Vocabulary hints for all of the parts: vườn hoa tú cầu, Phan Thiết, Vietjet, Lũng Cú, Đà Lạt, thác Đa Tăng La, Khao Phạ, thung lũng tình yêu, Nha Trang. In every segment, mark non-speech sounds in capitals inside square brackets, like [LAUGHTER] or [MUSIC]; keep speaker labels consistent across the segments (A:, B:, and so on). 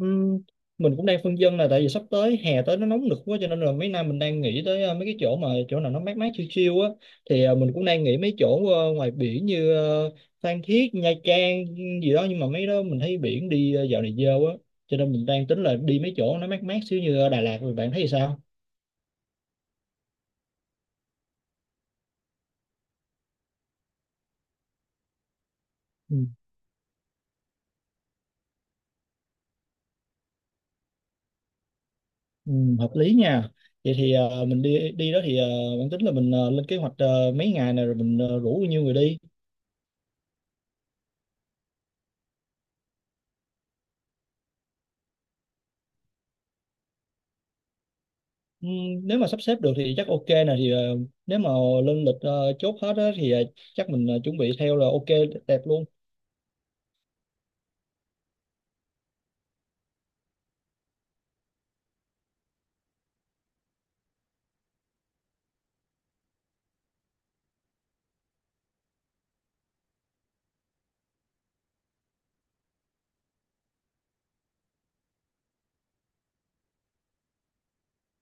A: Ừm, mình cũng đang phân vân là tại vì sắp tới hè tới nó nóng nực quá cho nên là mấy năm mình đang nghĩ tới mấy cái chỗ mà chỗ nào nó mát mát chill chill á thì mình cũng đang nghĩ mấy chỗ ngoài biển như Phan Thiết, Nha Trang gì đó nhưng mà mấy đó mình thấy biển đi dạo này dơ quá cho nên mình đang tính là đi mấy chỗ nó mát mát xíu như Đà Lạt rồi bạn thấy thì sao? Ừ. Ừ, hợp lý nha. Vậy thì mình đi đi đó thì bạn tính là mình lên kế hoạch mấy ngày này rồi mình rủ bao nhiêu người đi? Ừ, nếu mà sắp xếp được thì chắc ok nè thì nếu mà lên lịch chốt hết á, thì chắc mình chuẩn bị theo là ok đẹp luôn.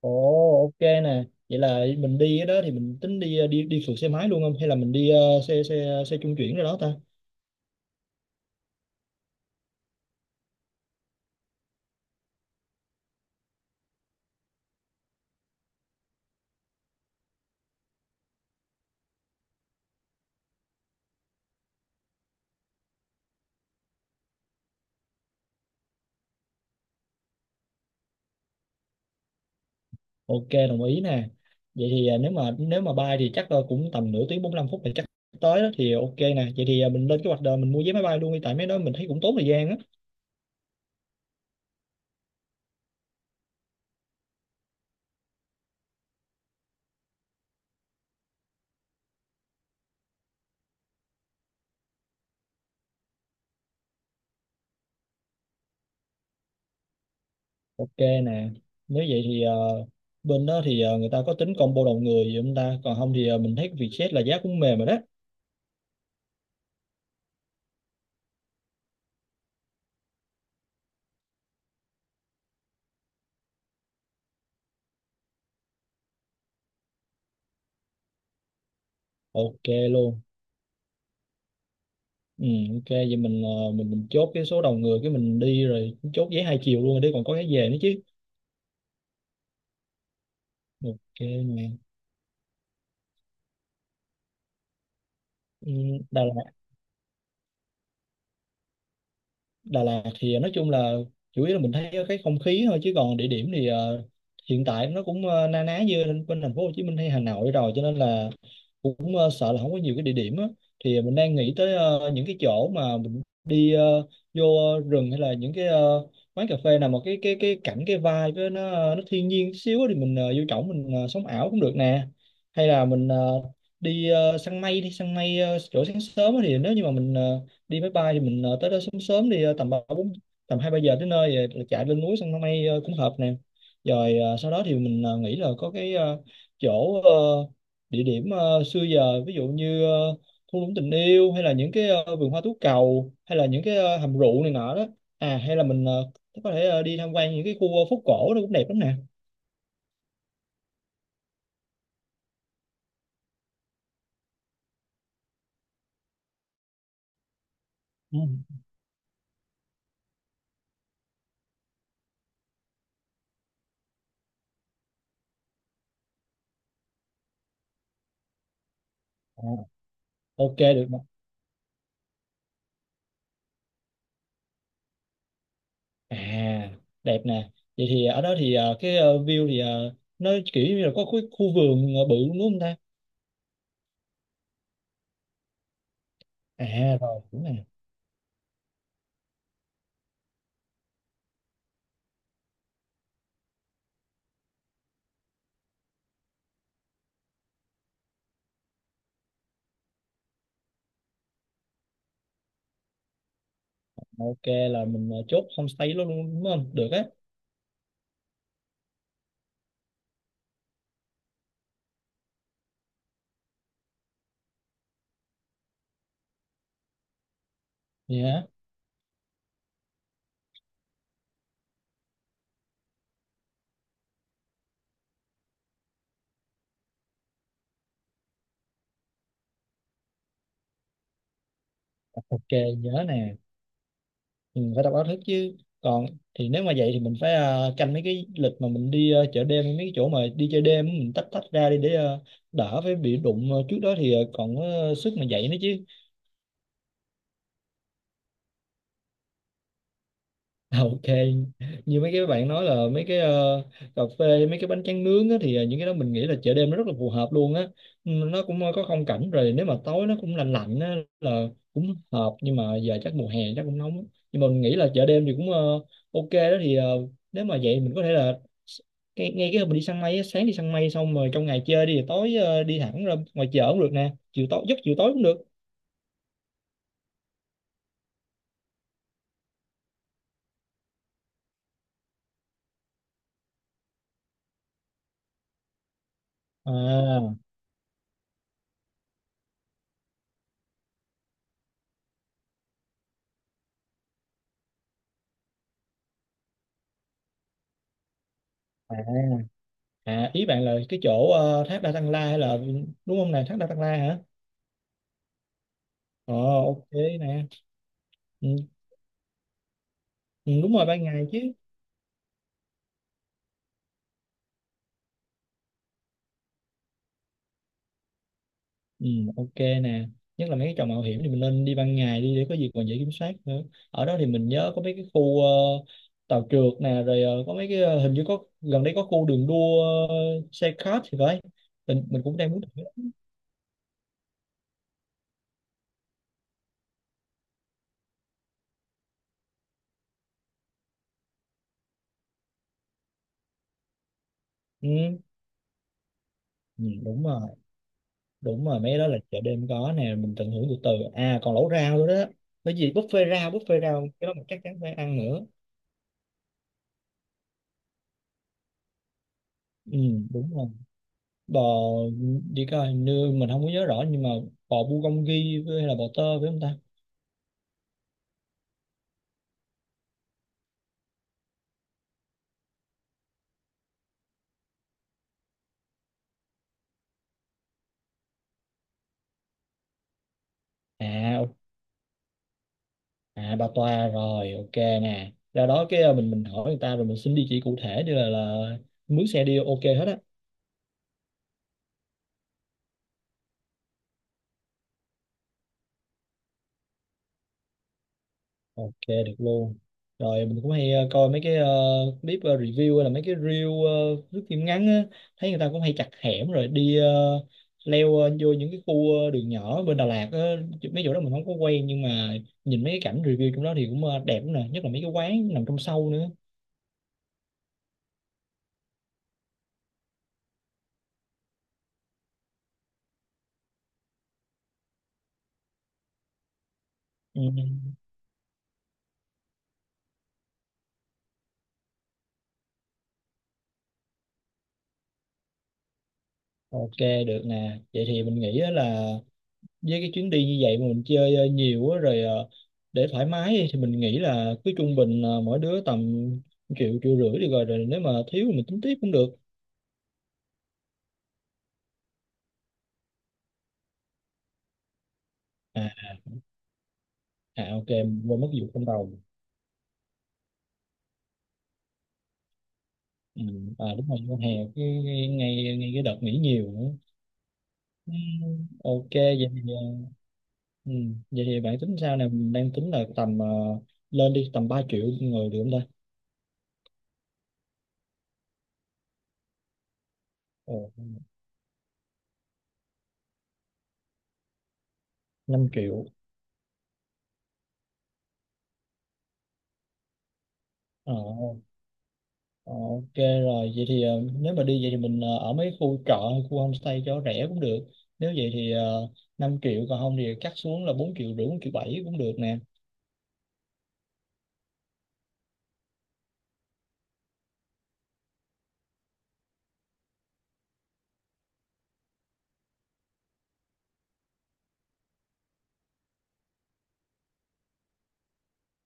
A: Ồ, ok nè, vậy là mình đi đó thì mình tính đi đi đi phượt xe máy luôn không hay là mình đi xe xe xe trung chuyển rồi đó ta? Ok, đồng ý nè. Vậy thì nếu mà bay thì chắc cũng tầm nửa tiếng 45 phút thì chắc tới đó thì ok nè. Vậy thì mình lên kế hoạch đời mình mua vé máy bay luôn đi tại mấy đó mình thấy cũng tốn thời gian á. Ok nè, nếu vậy thì bên đó thì người ta có tính combo đầu người gì không ta? Còn không thì mình thấy Vietjet là giá cũng mềm rồi đó. Ok luôn. Ừ, ok vậy mình mình chốt cái số đầu người cái mình đi rồi chốt vé hai chiều luôn rồi đi còn có cái về nữa chứ. Ok nè. Ừ, Đà Đà Lạt thì nói chung là chủ yếu là mình thấy cái không khí thôi chứ còn địa điểm thì hiện tại nó cũng na ná như bên bên thành phố Hồ Chí Minh hay Hà Nội rồi cho nên là cũng sợ là không có nhiều cái địa điểm á. Thì mình đang nghĩ tới những cái chỗ mà mình đi vô rừng hay là những cái quán cà phê nào mà cái cảnh cái vibe với nó nó thiên nhiên chút xíu á thì mình vô trỏng mình sống ảo cũng được nè. Hay là mình đi săn mây, đi săn mây chỗ sáng sớm á thì nếu như mà mình đi máy bay thì mình tới đó sớm sớm đi tầm ba bốn tầm hai ba giờ tới nơi rồi chạy lên núi săn mây cũng hợp nè. Rồi sau đó thì mình nghĩ là có cái chỗ địa điểm xưa giờ ví dụ như thung lũng tình yêu hay là những cái vườn hoa tú cầu hay là những cái hầm rượu này nọ đó. À hay là mình có thể đi tham quan những cái khu phố cổ nó cũng đẹp lắm nè. Ừ. Ờ, ok được. À, đẹp nè. Vậy thì ở đó thì cái view thì nó kiểu như là có khu vườn bự luôn đúng không ta? À rồi, đúng nè. Ok, là mình chốt homestay luôn đúng không? Được á. Vậy ok, nhớ nè. Mình phải đọc báo thức chứ. Còn thì nếu mà vậy thì mình phải canh mấy cái lịch mà mình đi chợ đêm mấy cái chỗ mà đi chơi đêm mình tách tách ra đi để đỡ phải bị đụng trước đó thì còn có sức mà dậy nữa chứ. [LAUGHS] Ok, như mấy cái bạn nói là mấy cái cà phê, mấy cái bánh tráng nướng á, thì những cái đó mình nghĩ là chợ đêm nó rất là phù hợp luôn á. Ừ, nó cũng có không cảnh rồi nếu mà tối nó cũng lạnh lạnh á, là cũng hợp nhưng mà giờ chắc mùa hè chắc cũng nóng á. Nhưng mà mình nghĩ là chợ đêm thì cũng ok đó thì nếu mà vậy mình có thể là s- ngay cái hôm mình đi săn mây á, sáng đi săn mây xong rồi trong ngày chơi đi rồi tối đi thẳng ra ngoài chợ cũng được nè, chiều tối cũng được. À, à À, ý bạn là cái chỗ thác Đa Tăng La hay là đúng không nè, thác Đa Tăng La hả? Ờ ok nè. Ừ, ừ, đúng rồi ban ngày chứ. Ừ, ok nè. Nhất là mấy cái trò mạo hiểm thì mình nên đi ban ngày đi để có gì còn dễ kiểm soát nữa. Ở đó thì mình nhớ có mấy cái khu tàu trượt nè rồi có mấy cái hình như có gần đây có khu đường đua ờ, xe kart thì phải. Mình cũng đang muốn thử. Ừ, ừ, đúng rồi. Đúng rồi mấy cái đó là chợ đêm có nè, mình tận hưởng từ từ. À còn lẩu rau nữa đó, bởi vì buffet rau cái đó mình chắc chắn phải ăn nữa. Ừ, đúng rồi bò, đi coi hình như mình không có nhớ rõ nhưng mà bò bulgogi với hay là bò tơ phải không ta? à o- À bà toa rồi, ok nè, ra đó cái mình hỏi người ta rồi mình xin địa chỉ cụ thể để là mướn xe đi ok hết á. Ok được luôn. Rồi mình cũng hay coi mấy cái clip review hay là mấy cái reel review phim ngắn á, thấy người ta cũng hay chặt hẻm rồi đi leo vô những cái khu đường nhỏ bên Đà Lạt á. Chứ mấy chỗ đó mình không có quen nhưng mà nhìn mấy cái cảnh review trong đó thì cũng đẹp lắm nè, nhất là mấy cái quán nằm trong sâu nữa. Ừ. Ok được nè. Vậy thì mình nghĩ á là với cái chuyến đi như vậy mà mình chơi nhiều á rồi để thoải mái đi thì mình nghĩ là cứ trung bình mỗi đứa tầm triệu triệu rưỡi đi rồi, rồi nếu mà thiếu thì mình tính tiếp cũng được. à, ok mình quên mất vụ trong đầu. Ừ, à đúng rồi con hè, cái ngay ngay ngay cái đợt nghỉ nhiều nữa. Ừ, ok vậy thì ừ, vậy thì bạn tính sao nè, mình đang tính là tầm lên đi tầm 3 triệu người được không ta? Ồ, 5 triệu ờ. Ờ, ok rồi, vậy thì nếu mà đi vậy thì mình ở mấy khu trọ hay khu homestay cho rẻ cũng được. Nếu vậy thì uh, 5 triệu còn không thì cắt xuống là 4 triệu rưỡi, 4 triệu 7 cũng được nè.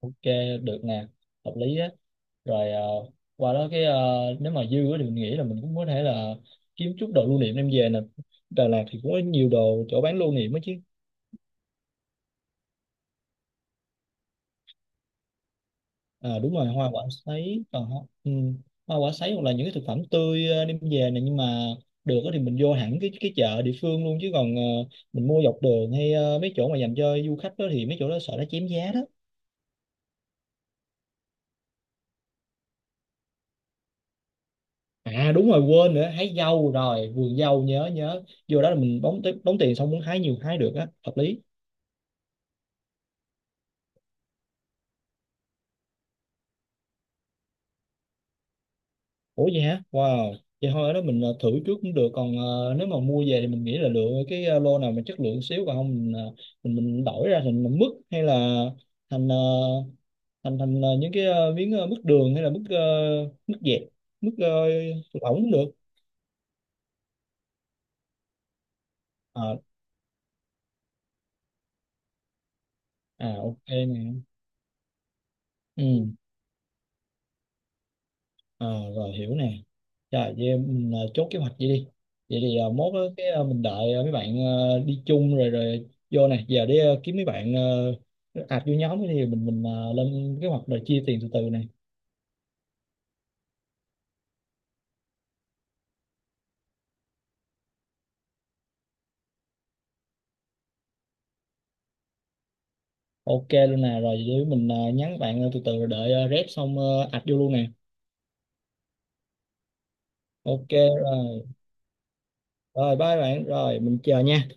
A: Ok, được nè, hợp lý á. Rồi qua đó cái nếu mà dư á thì mình nghĩ là mình cũng có thể là kiếm chút đồ lưu niệm đem về nè. Đà Lạt thì cũng có nhiều đồ chỗ bán lưu niệm á chứ. À đúng rồi hoa quả sấy còn ừ. Hoa quả sấy hoặc là những cái thực phẩm tươi đem về này nhưng mà được á thì mình vô hẳn cái chợ địa phương luôn chứ còn mình mua dọc đường hay mấy chỗ mà dành cho du khách đó thì mấy chỗ đó sợ nó chém giá đó. À đúng rồi quên nữa, hái dâu rồi vườn dâu nhớ nhớ, vô đó là mình đóng tiền xong muốn hái nhiều hái được á, hợp lý. Ủa vậy hả? Wow. Vậy thôi ở đó mình thử trước cũng được. Còn nếu mà mua về thì mình nghĩ là lựa cái lô nào mà chất lượng xíu còn không mình mình đổi ra thành mứt hay là thành thành thành những cái miếng mứt đường hay là mứt mứt dẹt, mứt lỏng cũng được. Ờ, à ok nè. Ừ. À rồi hiểu nè. Rồi vậy mình chốt kế hoạch vậy đi. Vậy thì mốt á, cái mình đợi mấy bạn đi chung rồi rồi vô nè. Giờ để kiếm mấy bạn ạt vô nhóm thì mình lên kế hoạch rồi chia tiền từ từ nè. Ok luôn nè, rồi để mình nhắn bạn từ từ rồi đợi rep xong ạt vô luôn nè. Ok rồi rồi, bye bạn rồi mình chờ nha.